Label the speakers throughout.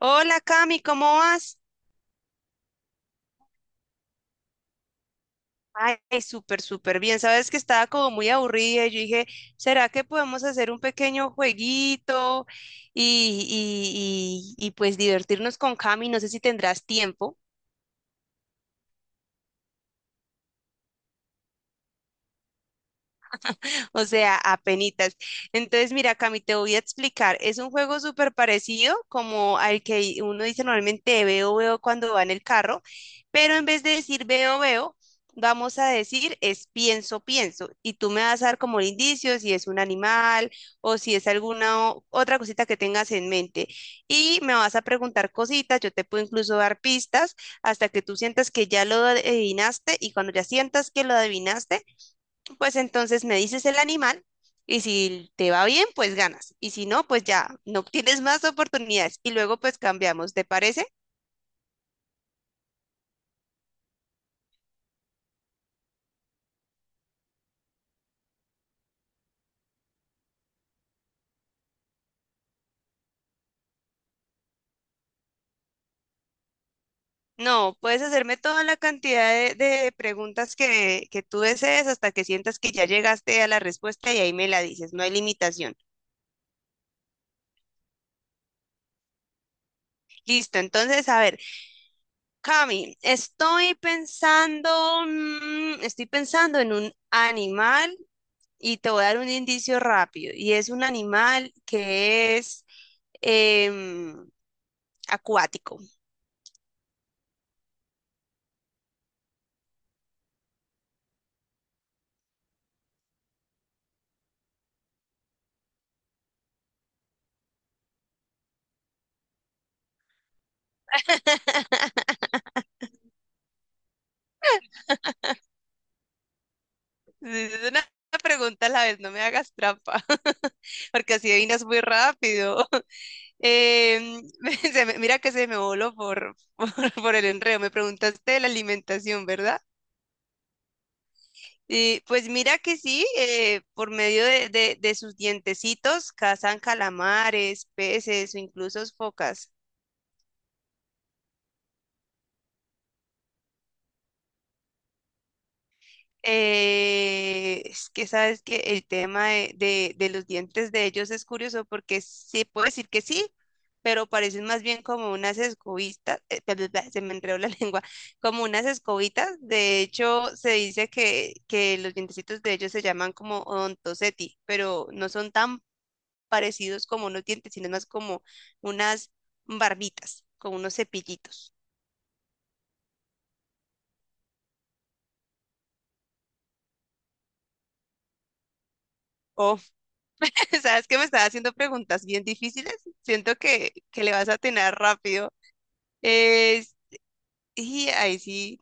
Speaker 1: Hola Cami, ¿cómo vas? Ay, súper, súper bien. Sabes que estaba como muy aburrida y yo dije, ¿será que podemos hacer un pequeño jueguito y, y pues divertirnos con Cami? No sé si tendrás tiempo. O sea, apenitas. Entonces, mira, Cami, te voy a explicar. Es un juego súper parecido como al que uno dice normalmente veo, veo cuando va en el carro, pero en vez de decir veo, veo, vamos a decir es pienso, pienso. Y tú me vas a dar como el indicio si es un animal o si es alguna otra cosita que tengas en mente. Y me vas a preguntar cositas, yo te puedo incluso dar pistas hasta que tú sientas que ya lo adivinaste y cuando ya sientas que lo adivinaste, pues entonces me dices el animal y si te va bien, pues ganas. Y si no, pues ya no tienes más oportunidades. Y luego pues cambiamos, ¿te parece? No, puedes hacerme toda la cantidad de preguntas que tú desees hasta que sientas que ya llegaste a la respuesta y ahí me la dices, no hay limitación. Listo, entonces, a ver, Cami, estoy pensando, estoy pensando en un animal y te voy a dar un indicio rápido. Y es un animal que es em, acuático. Es una pregunta a la vez, no me hagas trampa, porque así adivinas muy rápido. Em, mira que se me voló por, el enredo. Me preguntaste de la alimentación, ¿verdad? Y pues mira que sí, por medio de sus dientecitos cazan calamares, peces o incluso focas. Es que sabes que el tema de los dientes de ellos es curioso porque sí puedo decir que sí, pero parecen más bien como unas escobitas, bla, bla, bla, se me enredó la lengua, como unas escobitas. De hecho, se dice que los dientecitos de ellos se llaman como odontoceti, pero no son tan parecidos como unos dientes, sino más como unas barbitas, como unos cepillitos. Sabes que me estás haciendo preguntas bien difíciles. Siento que le vas a tener rápido. Es- y ahí sí,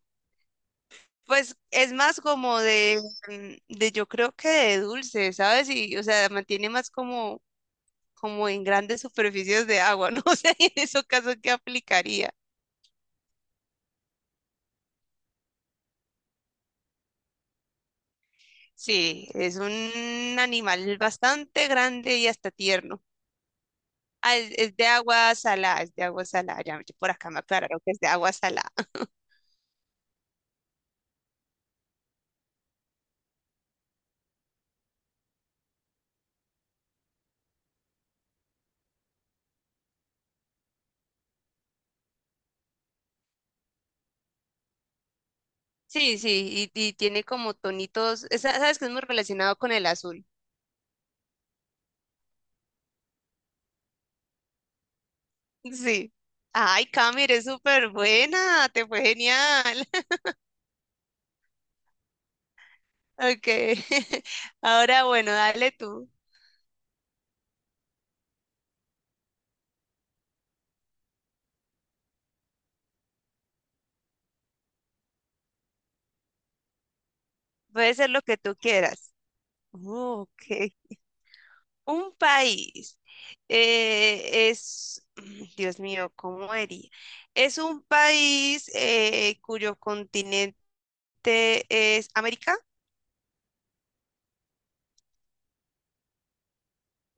Speaker 1: pues es más como de yo creo que de dulce, ¿sabes? Y, o sea, mantiene más como, como en grandes superficies de agua, ¿no? O sea, en esos casos, ¿qué aplicaría? Sí, es un animal bastante grande y hasta tierno. Ah, es de agua salada, es de agua salada. Ya yo por acá me aclararon que es de agua salada. Sí, sí, y tiene como tonitos. Sabes que es muy relacionado con el azul. Sí. Ay, Cami, eres súper buena, te fue genial. Ok. Ahora, bueno, dale tú. Puede ser lo que tú quieras. Oh, ok. Un país Dios mío, ¿cómo haría? Es un país cuyo continente es América.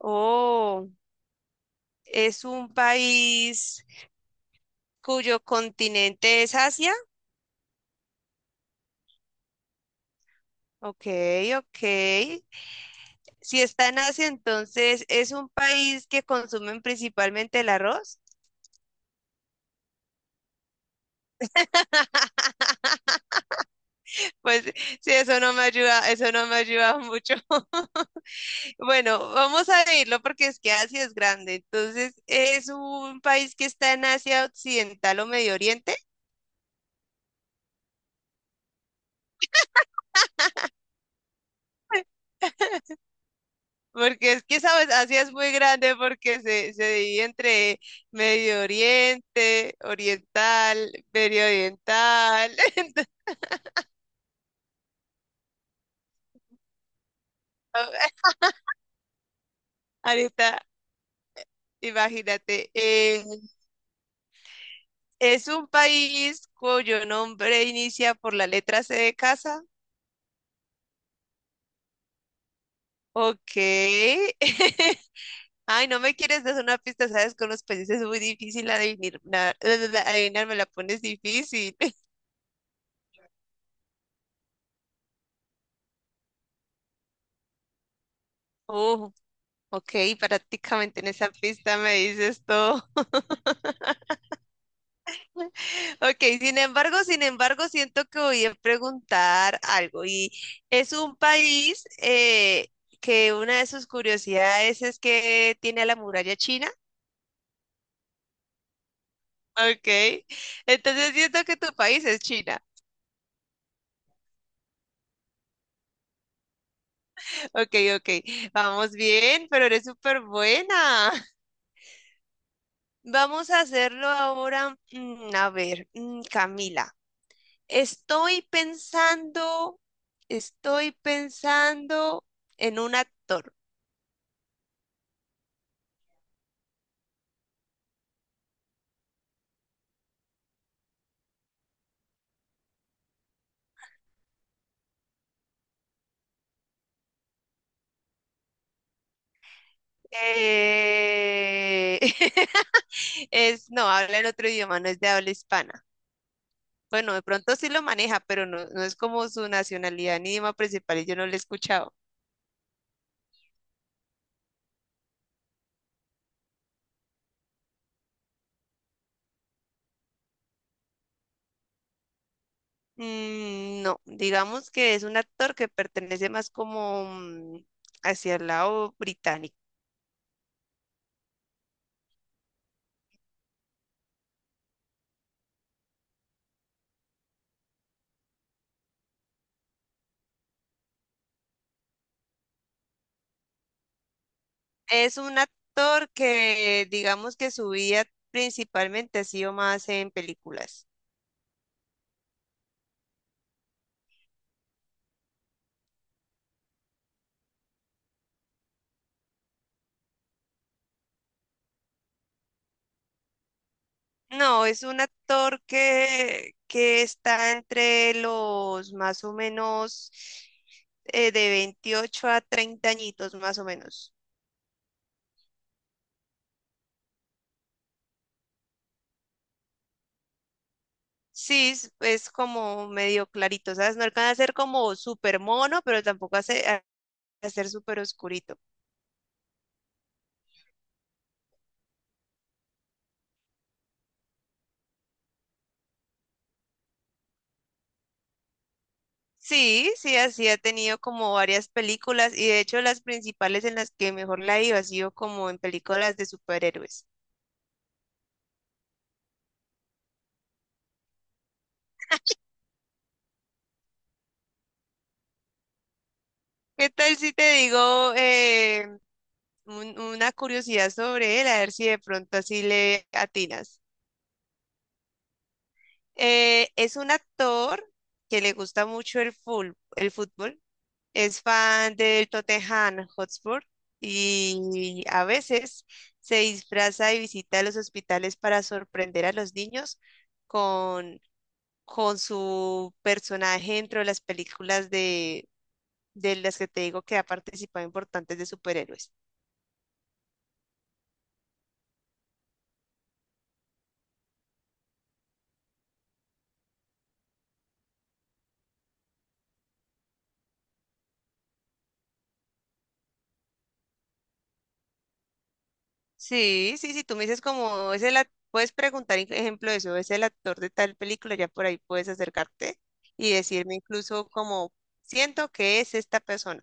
Speaker 1: Oh, es un país cuyo continente es Asia. Ok, ok. Si está en Asia, entonces es un país que consumen principalmente el arroz. Pues sí, eso no me ayuda, eso no me ayuda mucho. Bueno, vamos a irlo porque es que Asia es grande. Entonces, es un país que está en Asia Occidental o Medio Oriente, porque es que, sabes, Asia es muy grande porque se divide entre Medio Oriente, Oriental, Medio Oriental. Entonces, ahorita, imagínate, es un país cuyo nombre inicia por la letra C de casa. Ok. Ay, no me quieres dar una pista, sabes, con los países es muy difícil adivinar, adivinar, me la pones difícil. Oh, ok, prácticamente en esa pista me dices todo. Ok, sin embargo, sin embargo, siento que voy a preguntar algo y es un país que una de sus curiosidades es que tiene a la muralla china. Ok, entonces siento que tu país es China. Ok, ok, vamos bien, pero eres súper buena. Vamos a hacerlo ahora. A ver, Camila, estoy pensando, estoy pensando en un actor. Eh, no, habla en otro idioma, no es de habla hispana. Bueno, de pronto sí lo maneja, pero no, no es como su nacionalidad ni idioma principal y yo no lo he escuchado. Mm, no, digamos que es un actor que pertenece más como hacia el lado británico. Es un actor que digamos que su vida principalmente ha sido más en películas. No, es un actor que está entre los más o menos de 28 a 30 añitos más o menos. Sí, es como medio clarito, ¿sabes? No alcanza a ser como súper mono, pero tampoco hace, a ser súper oscurito. Sí, sí, así ha tenido como varias películas y de hecho las principales en las que mejor la ha ido ha sido como en películas de superhéroes. ¿Qué tal si te digo una curiosidad sobre él? A ver si de pronto así le atinas. Es un actor que le gusta mucho el, el fútbol, es fan del Tottenham Hotspur y a veces se disfraza y visita los hospitales para sorprender a los niños con con su personaje dentro de las películas de las que te digo que ha participado importantes de superhéroes. Sí, sí, sí, tú me dices como, puedes preguntar, ejemplo, de eso, es el actor de tal película, ya por ahí puedes acercarte y decirme incluso como, siento que es esta persona.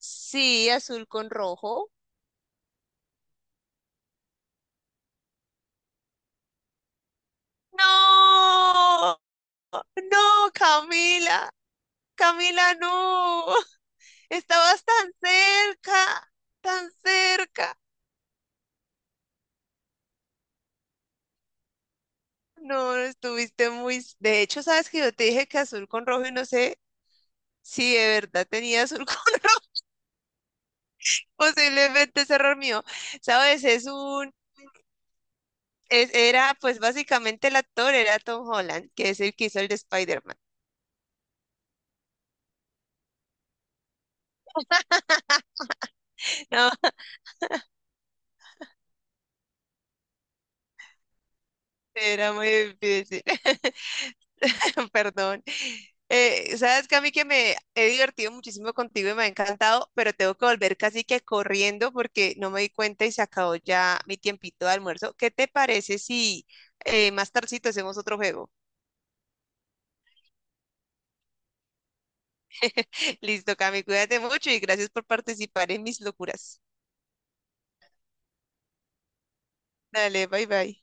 Speaker 1: Sí, azul con rojo. No, no, Camila, Camila, no. Estabas tan cerca, tan cerca. No, estuviste muy... De hecho, sabes que yo te dije que azul con rojo y no sé si de verdad tenía azul con rojo. Posiblemente es error mío. Sabes, es un... era pues básicamente el actor, era Tom Holland, que es el que hizo el de Spider-Man. No, era muy difícil. Perdón. Sabes Cami que me he divertido muchísimo contigo y me ha encantado, pero tengo que volver casi que corriendo porque no me di cuenta y se acabó ya mi tiempito de almuerzo. ¿Qué te parece si más tardecito hacemos otro juego? Listo, Cami, cuídate mucho y gracias por participar en mis locuras. Dale, bye bye.